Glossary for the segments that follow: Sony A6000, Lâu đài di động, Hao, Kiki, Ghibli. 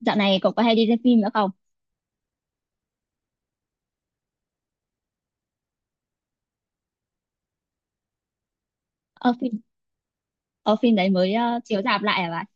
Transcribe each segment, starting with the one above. Dạo này cậu có hay đi xem phim nữa không? Ờ, phim, ờ, phim đấy mới chiếu rạp lại à bạn?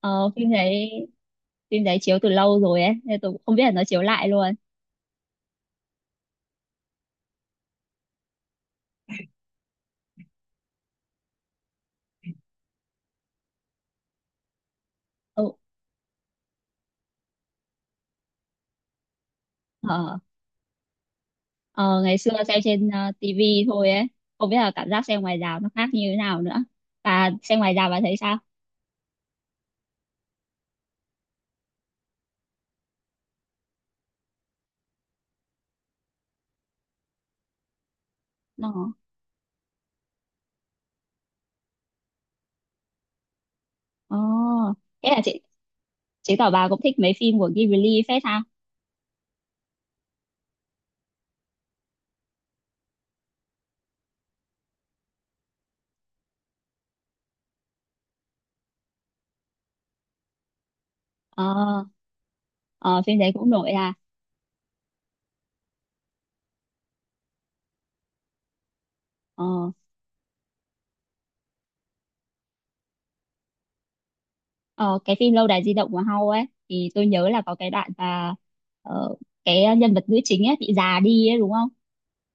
Ờ, phim đấy phim đấy chiếu từ lâu rồi ấy, nên tôi cũng không biết là nó chiếu lại luôn. Ừ, ờ, ờ, ngày xưa xem trên TV thôi ấy, không biết là cảm giác xem ngoài rạp nó khác như thế nào nữa. Và xem ngoài rạp bạn thấy sao? Nó, ờ, thế là chứng tỏ bà cũng thích mấy phim của Ghibli phết ha? Ờ, ờ, phim đấy cũng nổi à? Ờ, ờ, cái phim Lâu đài di động của hao ấy thì tôi nhớ là có cái đoạn mà ờ, cái nhân vật nữ chính ấy bị già đi ấy đúng không?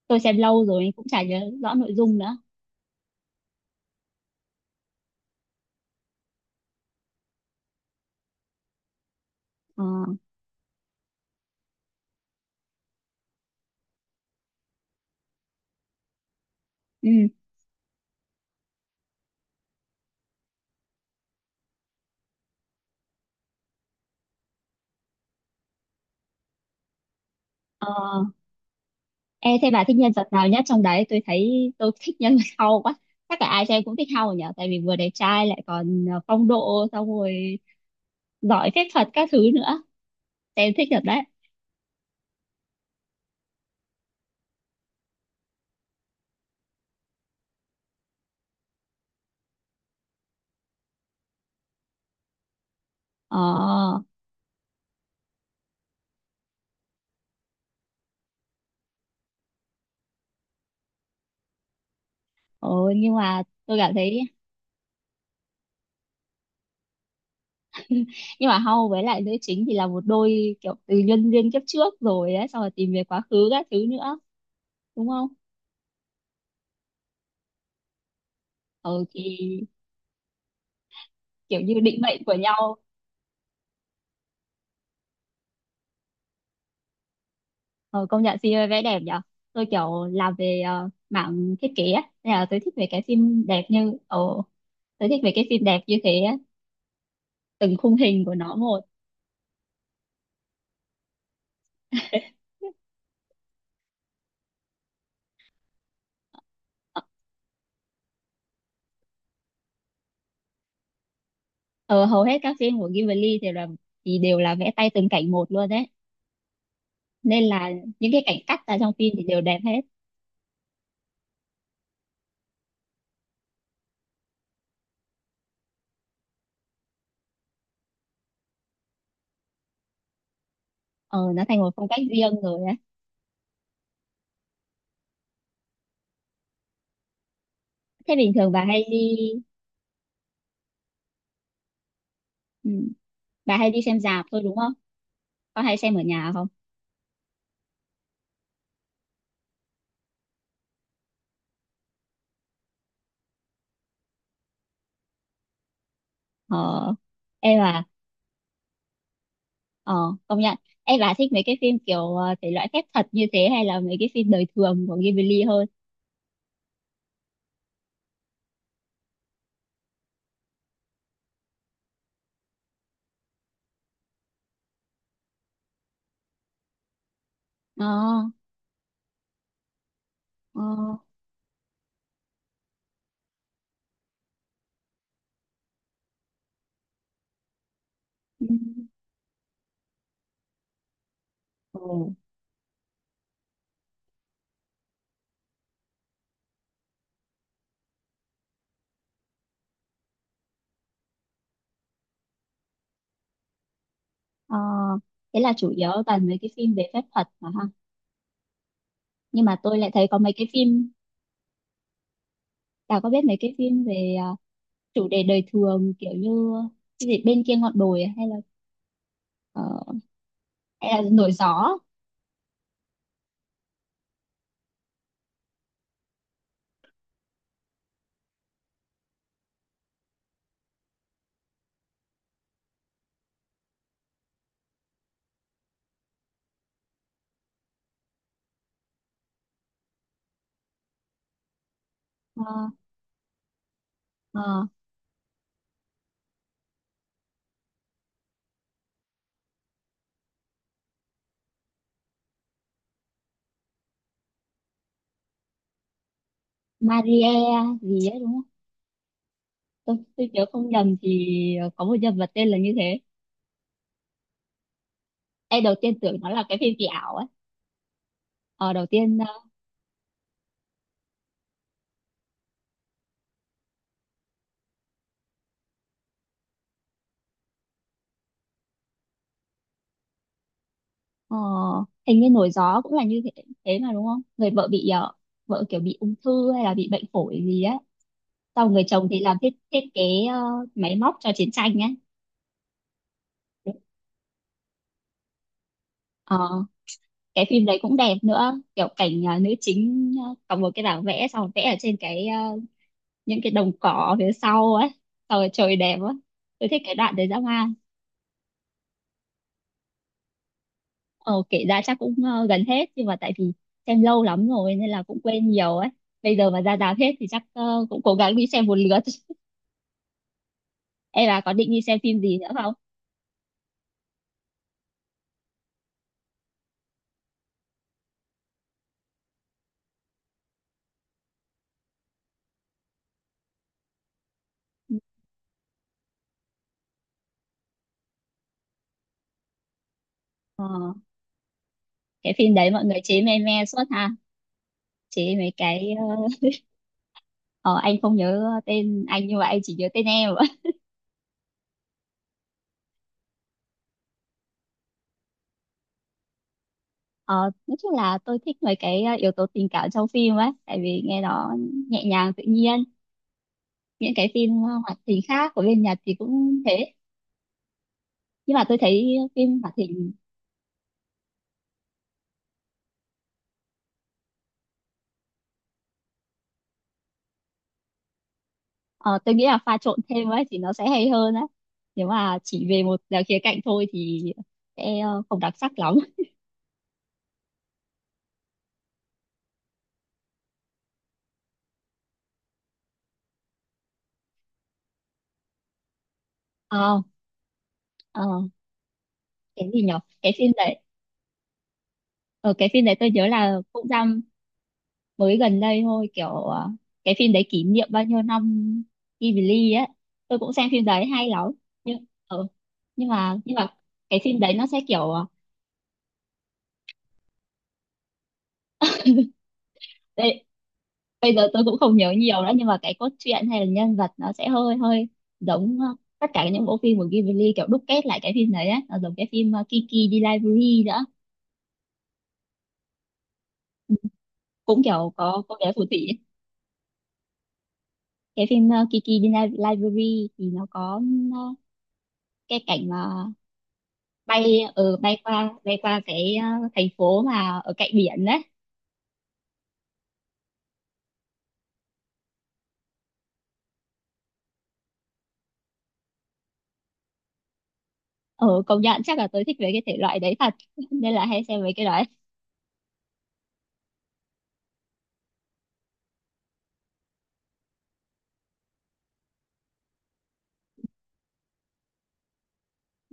Tôi xem lâu rồi cũng chả nhớ rõ nội dung nữa. Ờ, ừ. Ờ, ê, thế bà thích nhân vật nào nhất trong đấy? Tôi thấy tôi thích nhân vật hao quá. Chắc là ai xem cũng thích hao nhỉ? Tại vì vừa đẹp trai lại còn phong độ xong rồi giỏi phép thuật các thứ nữa. Xem thích thật đấy. Ờ, ờ, nhưng mà tôi cảm thấy nhưng mà Hao với lại nữ chính thì là một đôi kiểu từ nhân duyên kiếp trước rồi ấy xong rồi tìm về quá khứ các thứ nữa đúng không, ừ thì kiểu như định mệnh của nhau. Ừ, công nhận phim ấy vẽ đẹp nhở. Tôi kiểu làm về mảng thiết kế á nên là tôi thích về cái phim đẹp như thế á, từng khung hình của nó một. Ờ, hầu hết các phim của Ghibli thì đều là vẽ tay từng cảnh một luôn đấy, nên là những cái cảnh cắt ra trong phim thì đều đẹp hết. Ờ, nó thành một phong cách riêng rồi ấy. Thế bình thường bà hay đi, ừ, bà hay đi xem rạp thôi đúng không, có hay xem ở nhà không? ờ em à ờ công nhận, em bà thích mấy cái phim kiểu thể loại phép thuật như thế hay là mấy cái phim đời thường của Ghibli hơn? Ờ, ờ, ừ, ừ, ờ, thế là chủ yếu toàn mấy cái phim về phép thuật mà ha. Nhưng mà tôi lại thấy có mấy cái phim, bà có biết mấy cái phim về chủ đề đời thường kiểu như cái gì bên kia ngọn đồi à, hay là ờ, hay là nổi gió à? Ờ, ờ. Maria gì ấy đúng không? Tôi nhớ không nhầm thì có một nhân vật tên là như thế. Em đầu tiên tưởng nó là cái phim kỳ ảo ấy. Ờ đầu tiên, ờ, hình như nổi gió cũng là như thế thế mà đúng không? Người vợ bị vợ kiểu bị ung thư hay là bị bệnh phổi gì á. Sau người chồng thì làm thiết thiết kế, ờ, máy móc cho chiến tranh ấy. Ờ cái phim đấy cũng đẹp nữa, kiểu cảnh nữ chính có một cái bảng vẽ xong rồi vẽ ở trên cái những cái đồng cỏ phía sau ấy, xong rồi trời đẹp á. Tôi thích cái đoạn đấy dã man. Ờ, kể ra chắc cũng gần hết nhưng mà tại vì xem lâu lắm rồi nên là cũng quên nhiều ấy. Bây giờ mà ra rạp hết thì chắc cũng cố gắng đi xem một lượt. Em bà có định đi xem phim gì nữa không? Ờ, cái phim đấy mọi người chế me me suốt ha. Chế mấy cái ờ, anh không nhớ tên anh nhưng mà anh chỉ nhớ tên em. Ờ, nói chung là tôi thích mấy cái yếu tố tình cảm trong phim ấy tại vì nghe nó nhẹ nhàng tự nhiên. Những cái phim hoạt hình khác của bên Nhật thì cũng thế. Nhưng mà tôi thấy phim hoạt hình. Ờ, tôi nghĩ là pha trộn thêm ấy thì nó sẽ hay hơn á. Nếu mà chỉ về một à, khía cạnh thôi thì sẽ không đặc sắc lắm. Ờ, ờ, cái gì nhở? Cái phim đấy, ờ, cái phim đấy tôi nhớ là cũng ra mới gần đây thôi, kiểu cái phim đấy kỷ niệm bao nhiêu năm Ghibli ấy. Tôi cũng xem phim đấy hay lắm. Nhưng nhưng mà cái phim đấy nó sẽ kiểu Đây, bây giờ tôi cũng không nhớ nhiều nữa nhưng mà cái cốt truyện hay là nhân vật nó sẽ hơi hơi giống tất cả những bộ phim của Ghibli kiểu đúc kết lại cái phim đấy á nó giống cái phim Kiki đi library nữa. Ừ, cũng kiểu có cô bé phù thủy, cái phim Kiki đi library thì nó có ờ, cái cảnh mà bay qua cái thành phố mà ở cạnh biển đấy, ở công nhận chắc là tôi thích về cái thể loại đấy thật. Nên là hay xem mấy cái đấy.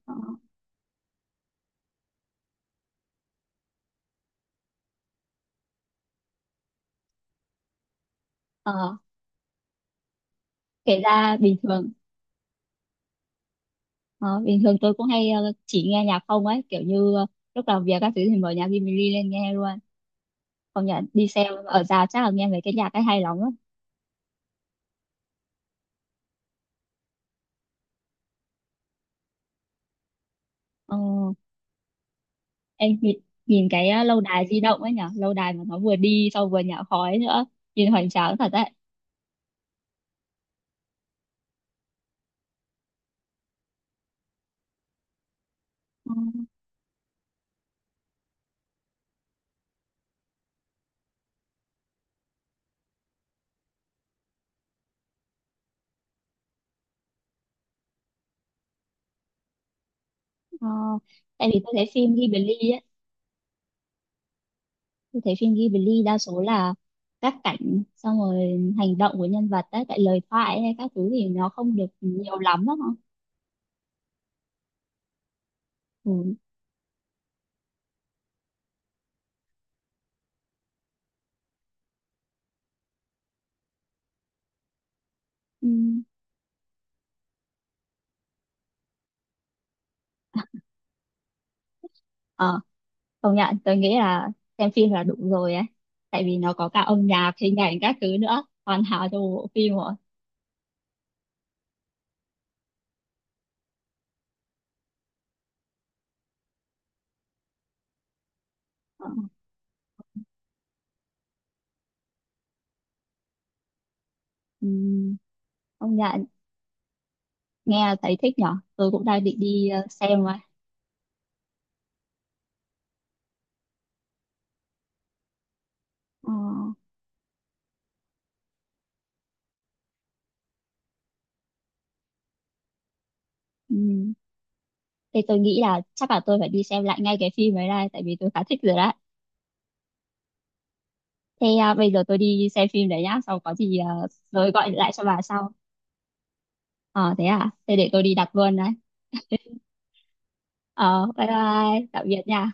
ờ, ờ, kể ra bình thường, ờ, bình thường tôi cũng hay chỉ nghe nhạc không ấy kiểu như lúc làm việc các thứ thì mở nhạc Jimmy lên nghe luôn, không nhận đi xem ở già chắc là nghe mấy cái nhạc ấy hay lắm á. ờ, em nhìn, nhìn cái lâu đài di động ấy nhở, lâu đài mà nó vừa đi sau vừa nhả khói nữa, nhìn hoành tráng thật đấy. ờ, ờ, tại vì tôi thấy phim Ghibli ấy, tôi thấy phim Ghibli đa số là các cảnh xong rồi hành động của nhân vật đấy tại lời thoại hay các thứ thì nó không được nhiều lắm đó. Ừ. Ừ. Ờ, công nhận, tôi nghĩ là xem phim là đủ rồi ấy. Tại vì nó có cả âm nhạc, hình ảnh các thứ nữa. Hoàn hảo cho một bộ phim rồi. Ờ, ừm, công nhận, nghe thấy thích nhở. Tôi cũng đang định đi xem rồi. Ờ, ừm. Thế tôi nghĩ là chắc là tôi phải đi xem lại ngay cái phim ấy này. Tại vì tôi khá thích rồi đấy. Thế à, bây giờ tôi đi xem phim đấy nhá. Sau có gì rồi gọi lại cho bà sau. Ờ, thế à? Thế để tôi đi đặt luôn đấy. Ờ, bye bye. Tạm biệt nha.